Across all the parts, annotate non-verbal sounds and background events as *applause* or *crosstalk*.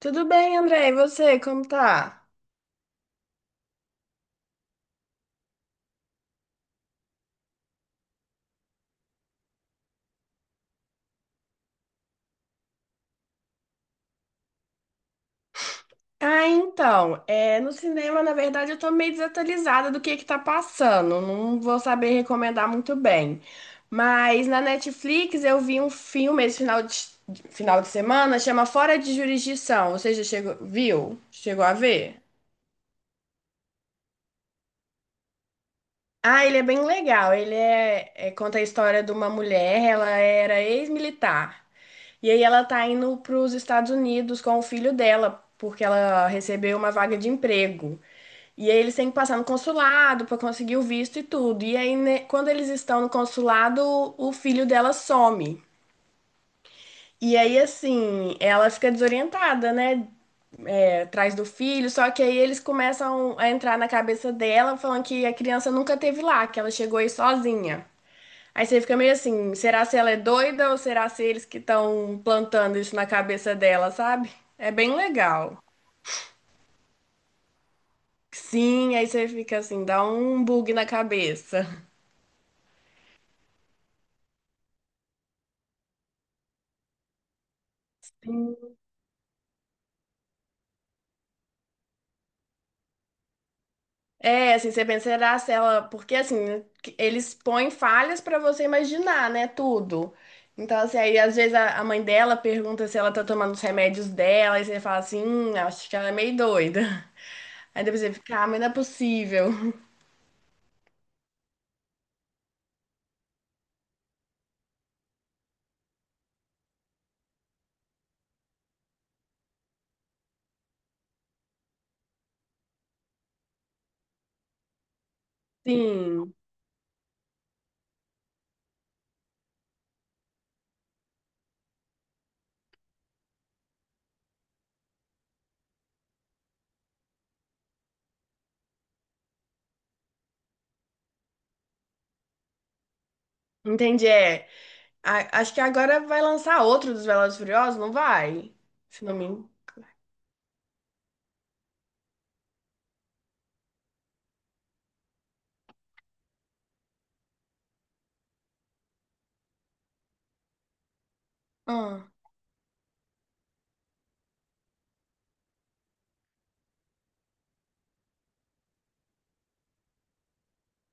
Tudo bem, André? E você, como tá? Ah, então, é, no cinema, na verdade, eu tô meio desatualizada do que tá passando. Não vou saber recomendar muito bem. Mas na Netflix eu vi um filme esse final de semana, chama Fora de Jurisdição. Você já chegou, viu? Chegou a ver? Ah, ele é bem legal. Ele conta a história de uma mulher, ela era ex-militar. E aí ela tá indo para os Estados Unidos com o filho dela, porque ela recebeu uma vaga de emprego. E aí eles têm que passar no consulado para conseguir o visto e tudo. E aí, né, quando eles estão no consulado, o filho dela some. E aí, assim, ela fica desorientada, né? É, atrás do filho. Só que aí eles começam a entrar na cabeça dela, falando que a criança nunca teve lá, que ela chegou aí sozinha. Aí você fica meio assim, será se ela é doida ou será se eles que estão plantando isso na cabeça dela, sabe? É bem legal. Sim, aí você fica assim, dá um bug na cabeça. É, assim, você pensa, será se ela. Porque assim, eles põem falhas pra você imaginar, né? Tudo. Então, assim, aí às vezes a mãe dela pergunta se ela tá tomando os remédios dela, e você fala assim, acho que ela é meio doida. *laughs* Aí depois você fica, ah, mas não é possível. *laughs* Sim, entendi. É. A- acho que agora vai lançar outro dos Velozes e Furiosos, não vai? Se não me... engano. Ah,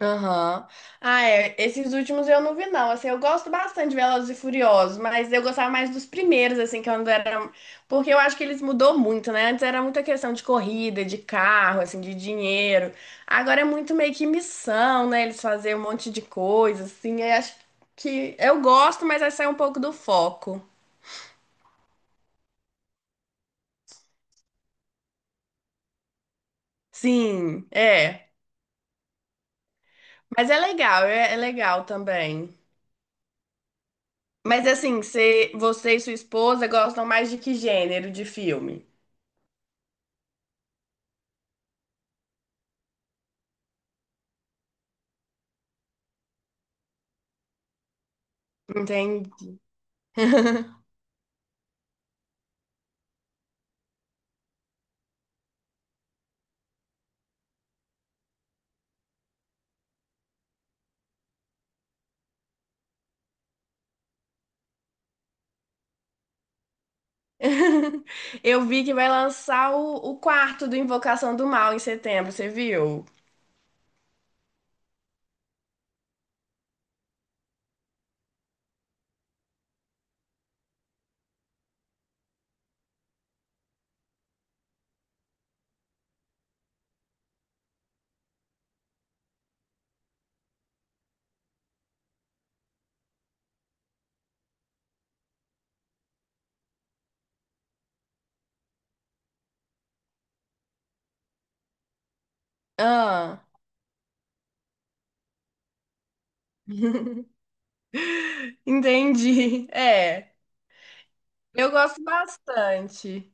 aham. Ah, é. Esses últimos eu não vi, não. Assim, eu gosto bastante de Velozes e Furiosos, mas eu gostava mais dos primeiros, assim, que quando era... um, porque eu acho que eles mudou muito, né? Antes era muita questão de corrida, de carro, assim, de dinheiro. Agora é muito meio que missão, né? Eles fazerem um monte de coisa, assim. Eu acho que... eu gosto, mas aí sai um pouco do foco. Sim, é. Mas é legal, é legal também. Mas assim, você e sua esposa gostam mais de que gênero de filme? Entendi. *laughs* Eu vi que vai lançar o quarto do Invocação do Mal em setembro, você viu? Ah, *laughs* entendi. É, eu gosto bastante.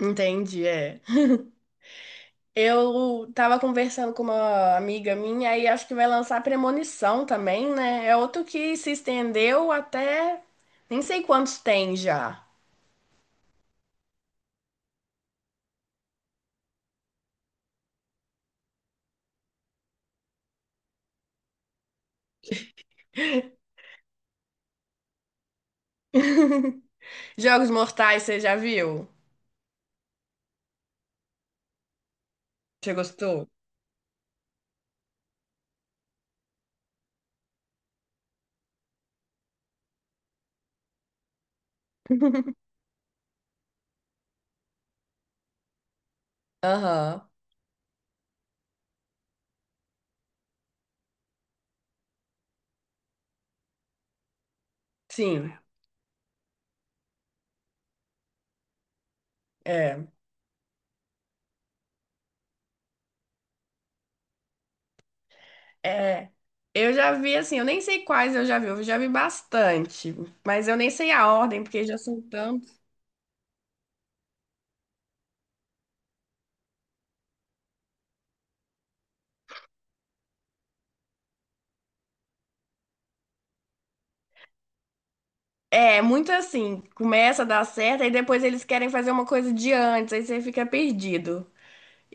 Entendi, é. Eu tava conversando com uma amiga minha aí acho que vai lançar Premonição também, né? É outro que se estendeu até nem sei quantos tem já. Jogos Mortais, você já viu? Você gostou? *laughs* Aham. Sim, é. É. Eu já vi, assim, eu nem sei quais eu já vi bastante, mas eu nem sei a ordem, porque já são tantos. É, muito assim, começa a dar certo, aí depois eles querem fazer uma coisa de antes, aí você fica perdido.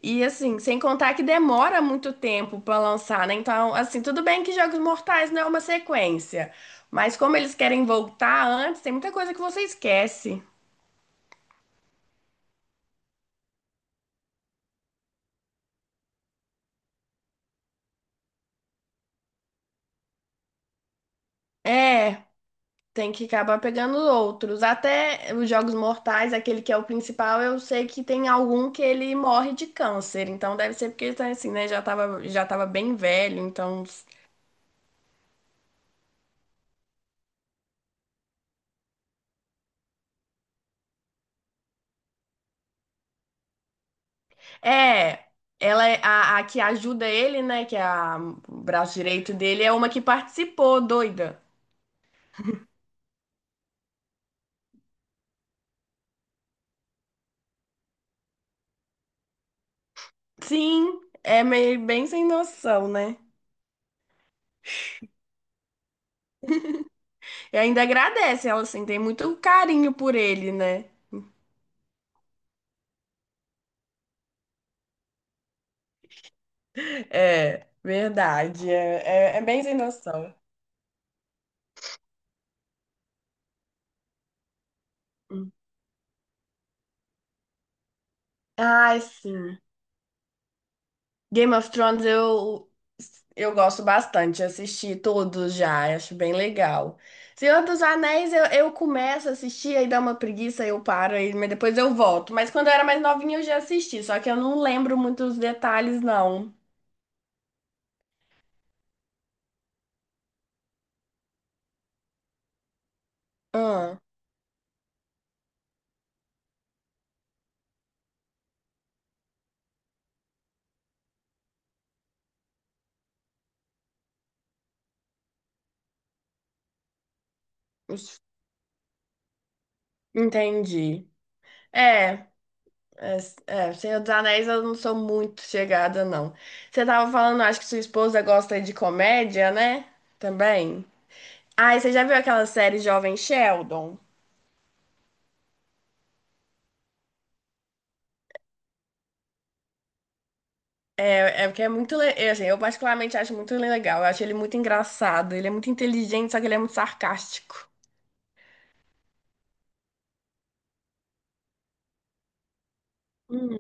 E assim, sem contar que demora muito tempo pra lançar, né? Então, assim, tudo bem que Jogos Mortais não é uma sequência, mas como eles querem voltar antes, tem muita coisa que você esquece. É, tem que acabar pegando outros. Até os Jogos Mortais, aquele que é o principal, eu sei que tem algum que ele morre de câncer. Então deve ser porque ele tá assim, né? Já tava bem velho, então. É, ela é a que ajuda ele, né? Que é a, o braço direito dele, é uma que participou, doida. Sim, é meio bem sem noção, né? E ainda agradece, ela assim, tem muito carinho por ele, né? É, verdade. É bem sem noção. Ai, sim. Game of Thrones eu gosto bastante, assisti todos já, acho bem legal. Senhor dos Anéis, eu começo a assistir, aí dá uma preguiça, eu paro, aí, mas depois eu volto. Mas quando eu era mais novinha eu já assisti, só que eu não lembro muito os detalhes, não. Ah, os- entendi. É, é, Senhor dos Anéis eu não sou muito chegada, não. Você tava falando, acho que sua esposa gosta de comédia, né? Também. Ai, você já viu aquela série Jovem Sheldon? É, é porque é muito. Le- eu, assim, eu particularmente acho muito legal. Eu acho ele muito engraçado. Ele é muito inteligente, só que ele é muito sarcástico. Hum.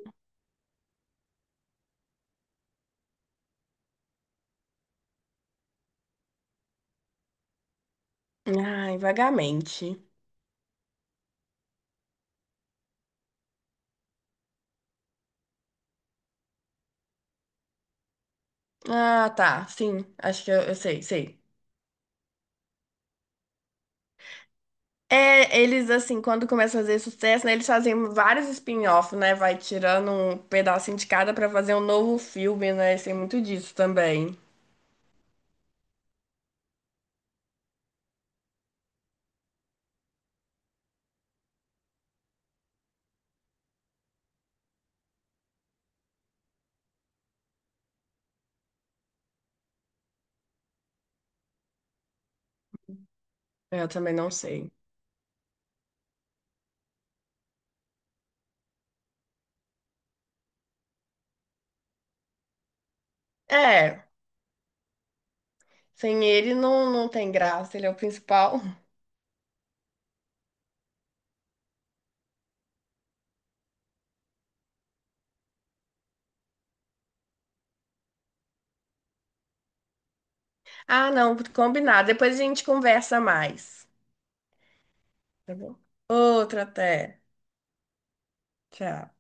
Ai, vagamente. Ah, tá. Sim, acho que eu sei, sei. É, eles, assim, quando começam a fazer sucesso, né, eles fazem vários spin-off, né? Vai tirando um pedacinho de cada pra fazer um novo filme, né? Tem muito disso também. Eu também não sei. É, sem ele não, não tem graça, ele é o principal. Ah, não, combinado. Depois a gente conversa mais. Tá bom? Outra até. Tchau.